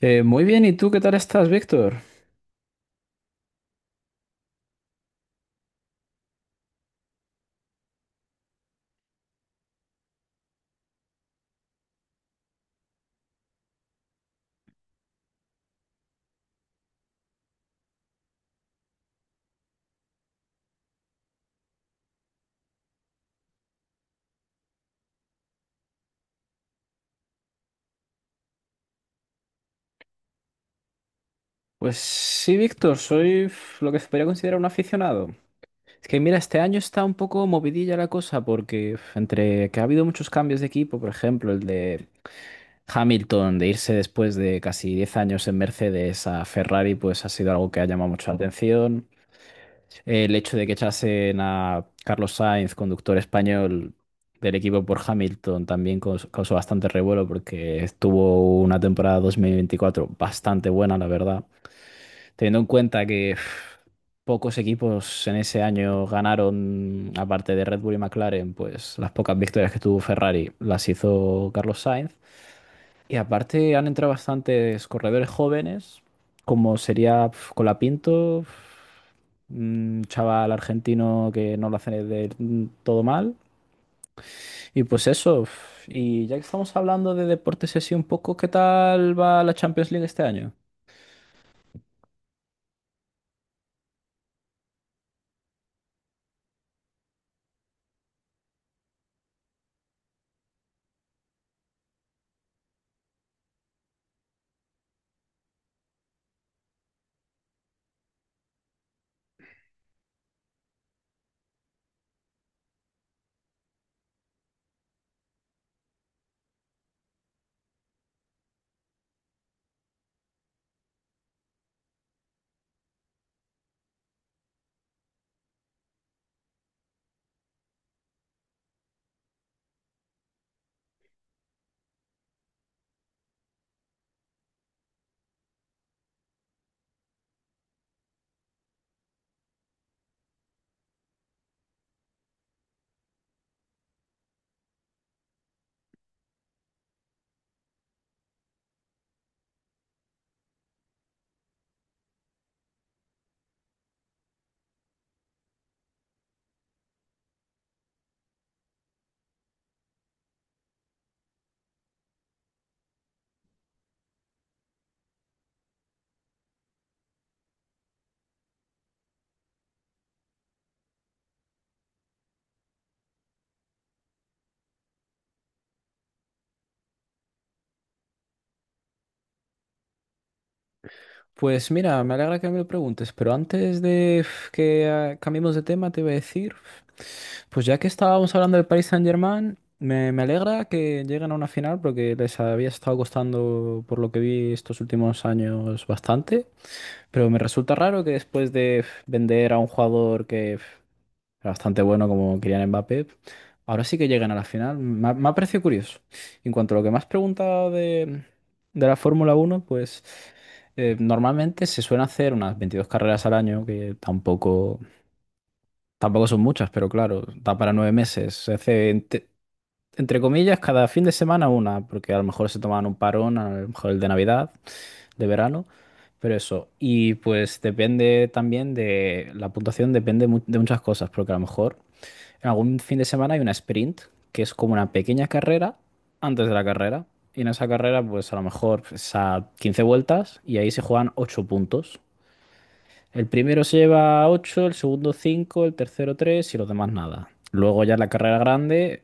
Muy bien, ¿y tú qué tal estás, Víctor? Pues sí, Víctor, soy lo que se podría considerar un aficionado. Es que mira, este año está un poco movidilla la cosa porque entre que ha habido muchos cambios de equipo, por ejemplo, el de Hamilton de irse después de casi 10 años en Mercedes a Ferrari, pues ha sido algo que ha llamado mucho la atención. El hecho de que echasen a Carlos Sainz, conductor español del equipo por Hamilton, también causó bastante revuelo porque estuvo una temporada 2024 bastante buena, la verdad. Teniendo en cuenta que pocos equipos en ese año ganaron, aparte de Red Bull y McLaren, pues las pocas victorias que tuvo Ferrari las hizo Carlos Sainz. Y aparte han entrado bastantes corredores jóvenes, como sería Colapinto, un chaval argentino que no lo hace del todo mal. Y pues eso, y ya que estamos hablando de deportes así un poco, ¿qué tal va la Champions League este año? Pues mira, me alegra que me lo preguntes, pero antes de cambiemos de tema, te iba a decir, pues ya que estábamos hablando del Paris Saint-Germain, me alegra que lleguen a una final porque les había estado costando, por lo que vi estos últimos años, bastante, pero me resulta raro que después de vender a un jugador que era bastante bueno como Kylian Mbappé. Ahora sí que llegan a la final. Me ha parecido curioso. En cuanto a lo que me has preguntado de la Fórmula Uno, pues normalmente se suelen hacer unas 22 carreras al año, que tampoco, tampoco son muchas, pero claro, da para nueve meses. Se hace, ente- entre, comillas, cada fin de semana una, porque a lo mejor se toman un parón, a lo mejor el de Navidad, de verano. Pero eso, y pues depende también la puntuación depende de muchas cosas, porque a lo mejor algún fin de semana hay una sprint, que es como una pequeña carrera antes de la carrera. Y en esa carrera, pues a lo mejor es a 15 vueltas y ahí se juegan 8 puntos. El primero se lleva ocho, el segundo cinco, el tercero 3 y los demás nada. Luego ya en la carrera grande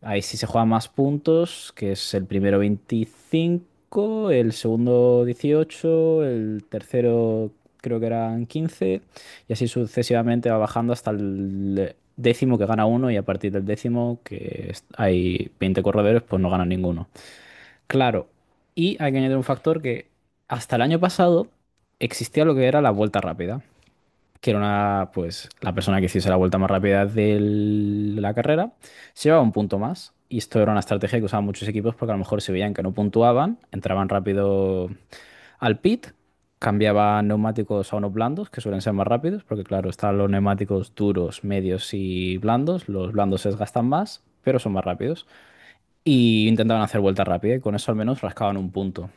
ahí sí se juegan más puntos, que es el primero 25, el segundo 18, el tercero creo que eran quince, y así sucesivamente va bajando hasta el décimo que gana uno, y a partir del décimo, hay 20 corredores, pues no gana ninguno. Claro, y hay que añadir un factor que hasta el año pasado existía lo que era la vuelta rápida, que era una, pues, la persona que hiciese la vuelta más rápida de la carrera, se llevaba un punto más. Y esto era una estrategia que usaban muchos equipos porque a lo mejor se veían que no puntuaban, entraban rápido al pit, cambiaban neumáticos a unos blandos, que suelen ser más rápidos, porque claro, están los neumáticos duros, medios y blandos. Los blandos se desgastan más, pero son más rápidos. Y intentaban hacer vuelta rápida y con eso al menos rascaban un punto.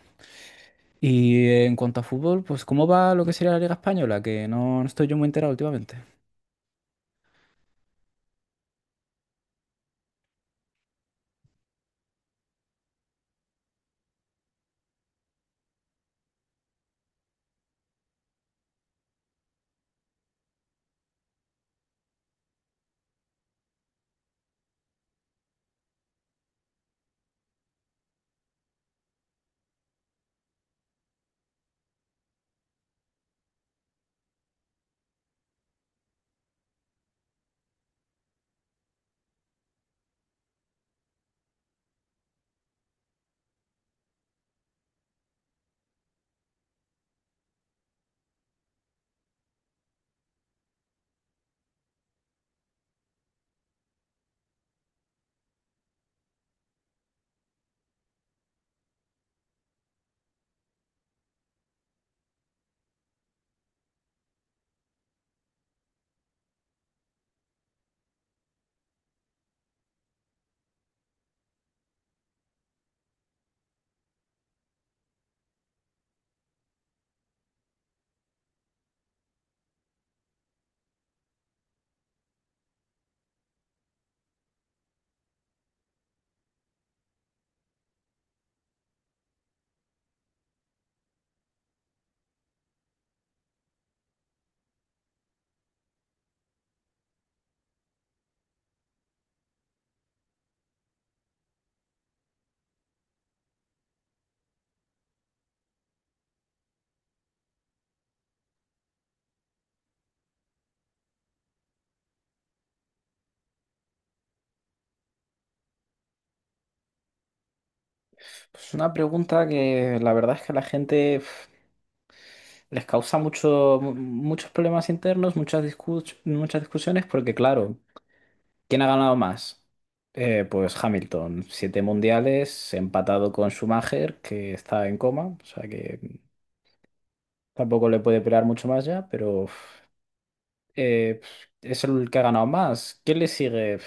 Y en cuanto a fútbol, pues ¿cómo va lo que sería la Liga Española? Que no, no estoy yo muy enterado últimamente. Es una pregunta que la verdad es que a la gente les causa muchos problemas internos, muchas discusiones, porque claro, ¿quién ha ganado más? Pues Hamilton, siete mundiales, empatado con Schumacher, que está en coma, o sea que tampoco le puede pelear mucho más ya, pero es el que ha ganado más. ¿Quién le sigue?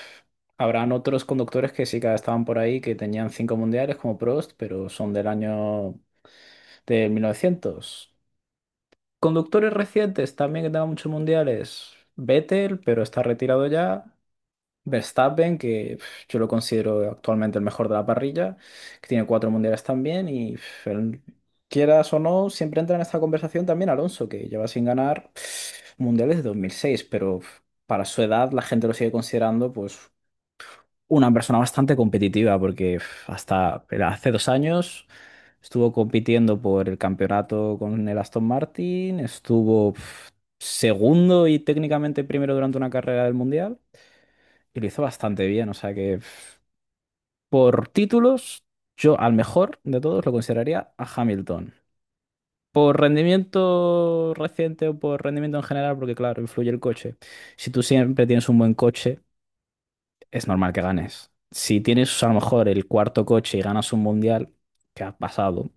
Habrán otros conductores que sí que estaban por ahí, que tenían cinco mundiales como Prost, pero son del año del mil novecientos. Conductores recientes también que tengan muchos mundiales. Vettel, pero está retirado ya. Verstappen, que yo lo considero actualmente el mejor de la parrilla, que tiene cuatro mundiales también. Y quieras o no, siempre entra en esta conversación también Alonso, que lleva sin ganar mundiales de 2006, pero para su edad la gente lo sigue considerando pues una persona bastante competitiva, porque hasta hace dos años estuvo compitiendo por el campeonato con el Aston Martin, estuvo segundo y técnicamente primero durante una carrera del Mundial y lo hizo bastante bien. O sea que por títulos, yo al mejor de todos lo consideraría a Hamilton. Por rendimiento reciente o por rendimiento en general, porque claro, influye el coche. Si tú siempre tienes un buen coche, es normal que ganes. Si tienes a lo mejor el cuarto coche y ganas un mundial, ¿que ha pasado?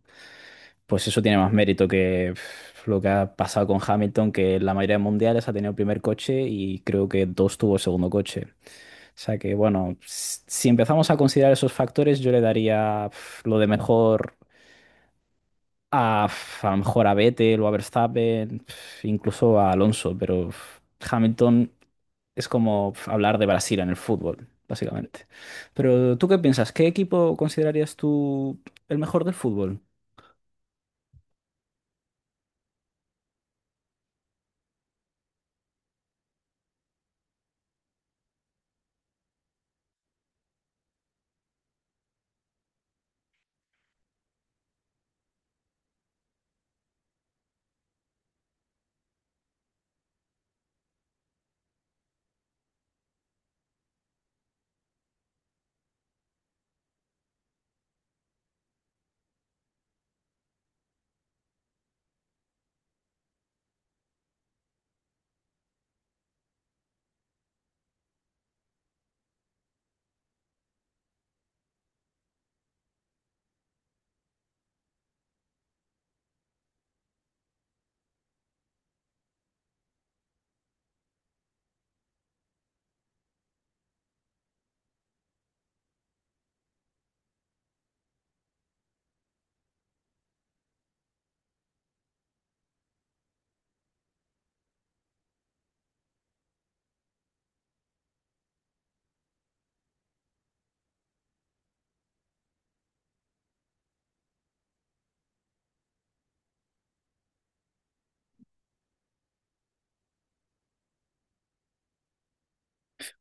Pues eso tiene más mérito que lo que ha pasado con Hamilton, que en la mayoría de mundiales ha tenido el primer coche y creo que dos tuvo el segundo coche. O sea que, bueno, si empezamos a considerar esos factores, yo le daría lo de mejor a, a lo mejor a Vettel o a Verstappen, incluso a Alonso, pero Hamilton es como hablar de Brasil en el fútbol, básicamente. Pero ¿tú qué piensas? ¿Qué equipo considerarías tú el mejor del fútbol?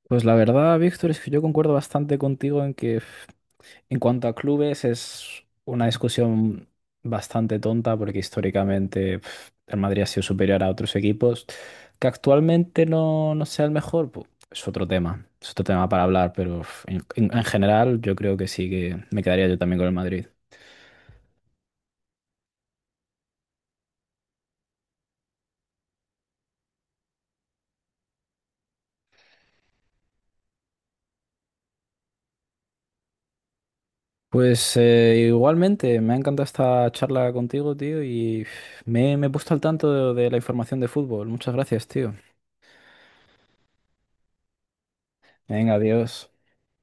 Pues la verdad, Víctor, es que yo concuerdo bastante contigo en que en cuanto a clubes es una discusión bastante tonta porque históricamente el Madrid ha sido superior a otros equipos, que actualmente no, no sea el mejor, pues, es otro tema para hablar, pero en general yo creo que sí que me quedaría yo también con el Madrid. Pues igualmente, me ha encantado esta charla contigo, tío, y me he puesto al tanto de la información de fútbol. Muchas gracias, tío. Venga, adiós.